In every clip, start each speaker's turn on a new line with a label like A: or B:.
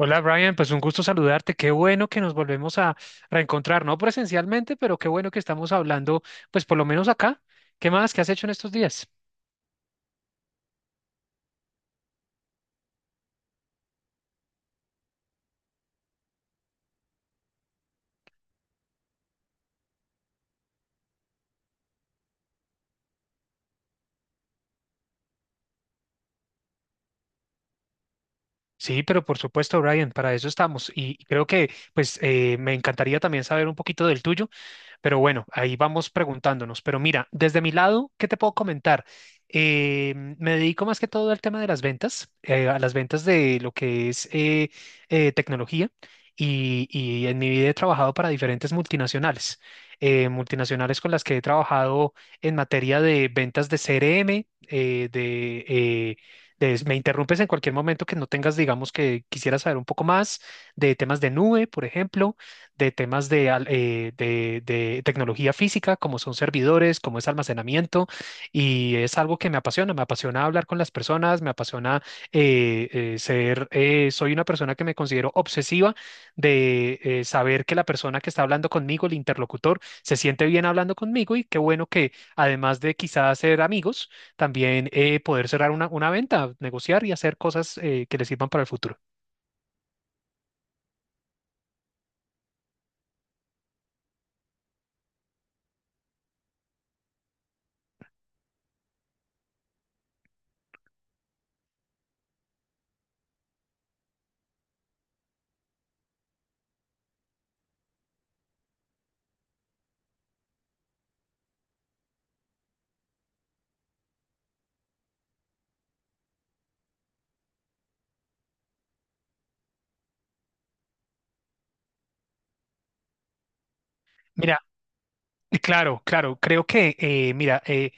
A: Hola Brian, pues un gusto saludarte. Qué bueno que nos volvemos a reencontrar, no presencialmente, pero qué bueno que estamos hablando, pues por lo menos acá. ¿Qué más? ¿Qué has hecho en estos días? Sí, pero por supuesto, Brian, para eso estamos. Y creo que pues me encantaría también saber un poquito del tuyo. Pero bueno, ahí vamos preguntándonos. Pero mira, desde mi lado, ¿qué te puedo comentar? Eh, me dedico más que todo al tema de las ventas, a las ventas de lo que es tecnología. Y en mi vida he trabajado para diferentes multinacionales, multinacionales con las que he trabajado en materia de ventas de CRM, eh, de, eh, me interrumpes en cualquier momento que no tengas, digamos, que quisiera saber un poco más de temas de nube, por ejemplo de temas de tecnología física, como son servidores, como es almacenamiento, y es algo que me apasiona hablar con las personas, me apasiona eh, soy una persona que me considero obsesiva de saber que la persona que está hablando conmigo, el interlocutor, se siente bien hablando conmigo y qué bueno que además de quizás ser amigos, también poder cerrar una venta, negociar y hacer cosas que le sirvan para el futuro. Mira, claro, claro, creo que, mira,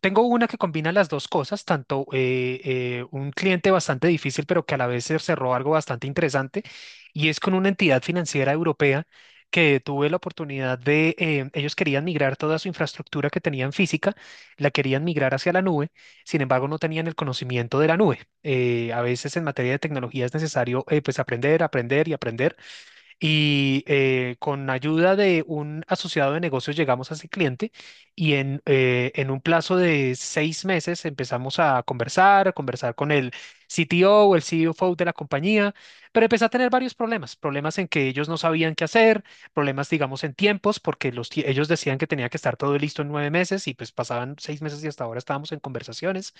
A: tengo una que combina las dos cosas, tanto un cliente bastante difícil, pero que a la vez se cerró algo bastante interesante, y es con una entidad financiera europea que tuve la oportunidad. Ellos querían migrar toda su infraestructura que tenían física, la querían migrar hacia la nube, sin embargo no tenían el conocimiento de la nube. A veces en materia de tecnología es necesario pues aprender, aprender y aprender. Y con ayuda de un asociado de negocios llegamos a ese cliente y en un plazo de 6 meses empezamos a conversar con el CTO o el CFO de la compañía, pero empecé a tener varios problemas, problemas en que ellos no sabían qué hacer, problemas, digamos, en tiempos, porque ellos decían que tenía que estar todo listo en 9 meses y pues pasaban 6 meses y hasta ahora estábamos en conversaciones,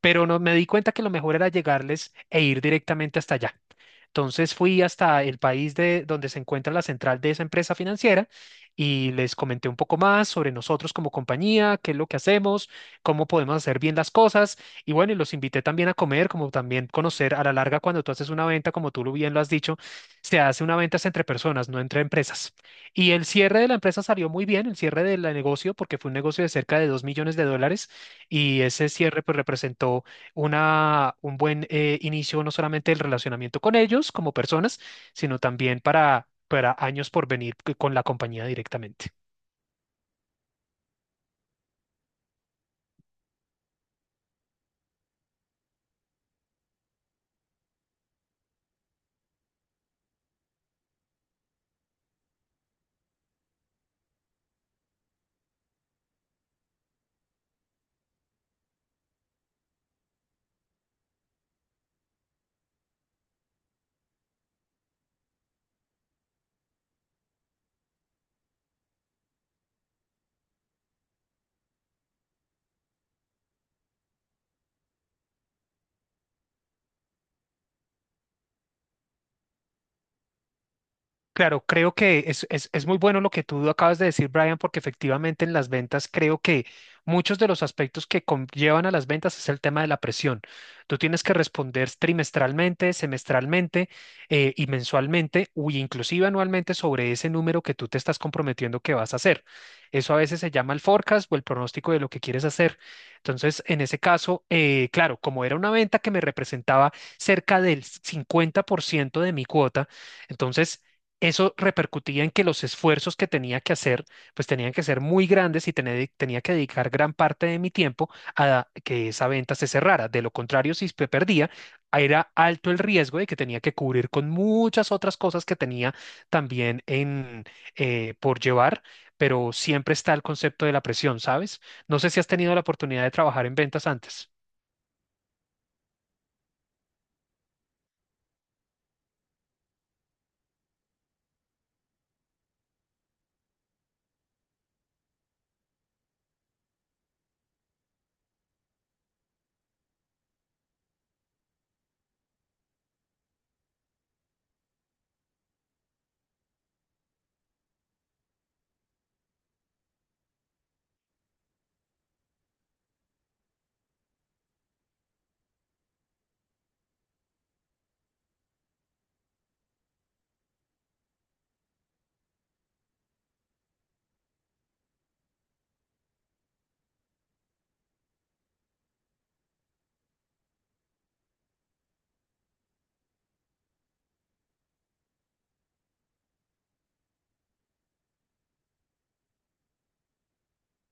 A: pero no, me di cuenta que lo mejor era llegarles e ir directamente hasta allá. Entonces fui hasta el país de donde se encuentra la central de esa empresa financiera y les comenté un poco más sobre nosotros como compañía, qué es lo que hacemos, cómo podemos hacer bien las cosas y bueno, y los invité también a comer, como también conocer a la larga cuando tú haces una venta, como tú lo bien lo has dicho, se hace una venta es entre personas, no entre empresas. Y el cierre de la empresa salió muy bien, el cierre del negocio, porque fue un negocio de cerca de 2 millones de dólares y ese cierre pues representó un buen inicio no solamente del relacionamiento con ellos como personas, sino también para años por venir con la compañía directamente. Claro, creo que es muy bueno lo que tú acabas de decir, Brian, porque efectivamente en las ventas creo que muchos de los aspectos que conllevan a las ventas es el tema de la presión. Tú tienes que responder trimestralmente, semestralmente y mensualmente, o inclusive anualmente sobre ese número que tú te estás comprometiendo que vas a hacer. Eso a veces se llama el forecast o el pronóstico de lo que quieres hacer. Entonces, en ese caso, claro, como era una venta que me representaba cerca del 50% de mi cuota, entonces eso repercutía en que los esfuerzos que tenía que hacer, pues tenían que ser muy grandes y tenía que dedicar gran parte de mi tiempo a que esa venta se cerrara. De lo contrario, si se perdía, era alto el riesgo de que tenía que cubrir con muchas otras cosas que tenía también por llevar, pero siempre está el concepto de la presión, ¿sabes? No sé si has tenido la oportunidad de trabajar en ventas antes.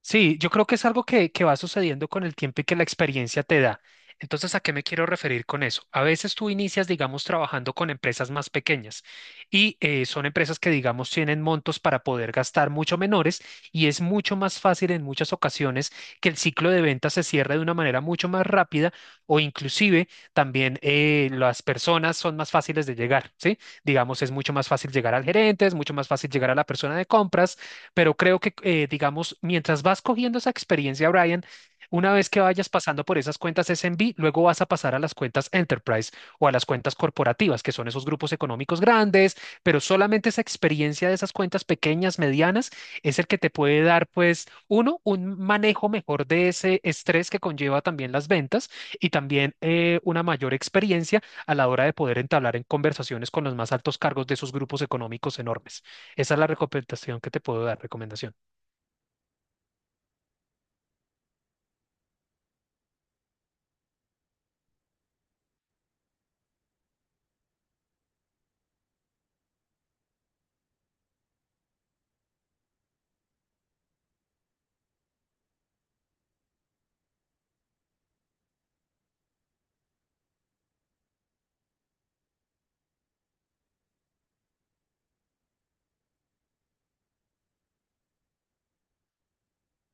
A: Sí, yo creo que es algo que va sucediendo con el tiempo y que la experiencia te da. Entonces, ¿a qué me quiero referir con eso? A veces tú inicias, digamos, trabajando con empresas más pequeñas y son empresas que, digamos, tienen montos para poder gastar mucho menores y es mucho más fácil en muchas ocasiones que el ciclo de ventas se cierre de una manera mucho más rápida o inclusive también las personas son más fáciles de llegar, ¿sí? Digamos, es mucho más fácil llegar al gerente, es mucho más fácil llegar a la persona de compras pero creo que, digamos, mientras vas cogiendo esa experiencia, Brian, una vez que vayas pasando por esas cuentas SMB, luego vas a pasar a las cuentas Enterprise o a las cuentas corporativas, que son esos grupos económicos grandes, pero solamente esa experiencia de esas cuentas pequeñas, medianas, es el que te puede dar, pues, uno, un manejo mejor de ese estrés que conlleva también las ventas y también una mayor experiencia a la hora de poder entablar en conversaciones con los más altos cargos de esos grupos económicos enormes. Esa es la recomendación que te puedo dar, recomendación.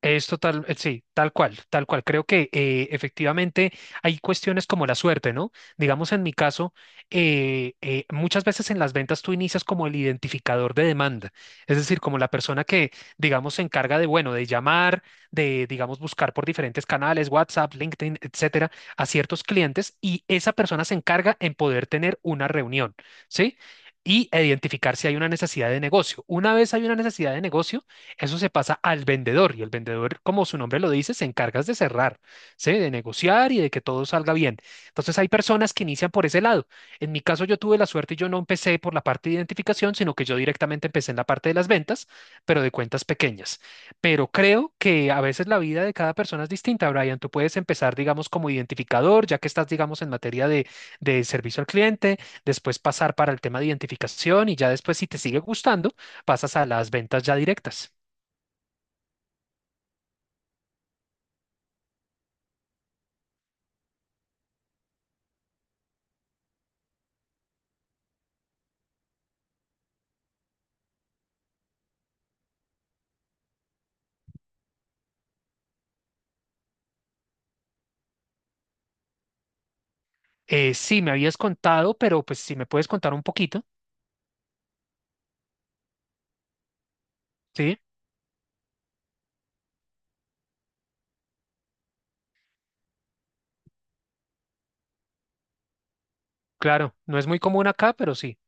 A: Es total, sí, tal cual, tal cual. Creo que efectivamente hay cuestiones como la suerte, ¿no? Digamos en mi caso, muchas veces en las ventas tú inicias como el identificador de demanda, es decir, como la persona que, digamos, se encarga de, bueno, de llamar, de, digamos, buscar por diferentes canales, WhatsApp, LinkedIn, etcétera, a ciertos clientes y esa persona se encarga en poder tener una reunión, ¿sí? E identificar si hay una necesidad de negocio. Una vez hay una necesidad de negocio, eso se pasa al vendedor y el vendedor, como su nombre lo dice, se encarga de cerrar, ¿sí? De negociar y de que todo salga bien. Entonces hay personas que inician por ese lado. En mi caso yo tuve la suerte, yo no empecé por la parte de identificación, sino que yo directamente empecé en la parte de las ventas, pero de cuentas pequeñas. Pero creo que a veces la vida de cada persona es distinta, Brian. Tú puedes empezar, digamos, como identificador, ya que estás, digamos, en materia de servicio al cliente, después pasar para el tema de identificación y ya después, si te sigue gustando, pasas a las ventas ya directas. Sí, me habías contado, pero pues si me puedes contar un poquito, sí, claro, no es muy común acá, pero sí,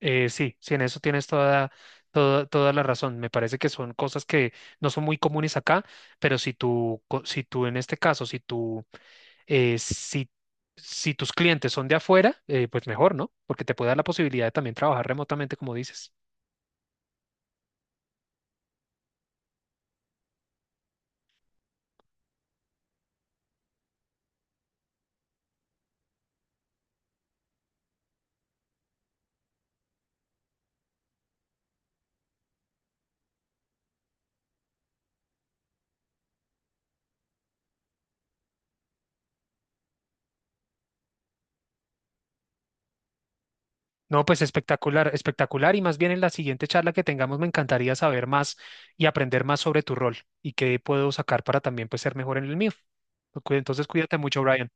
A: sí, sí, en eso tienes toda la razón. Me parece que son cosas que no son muy comunes acá, pero si tú en este caso, si tú, si, si tus clientes son de afuera, pues mejor, ¿no? Porque te puede dar la posibilidad de también trabajar remotamente, como dices. No, pues espectacular, espectacular. Y más bien en la siguiente charla que tengamos me encantaría saber más y aprender más sobre tu rol y qué puedo sacar para también pues ser mejor en el mío. Entonces cuídate mucho, Brian.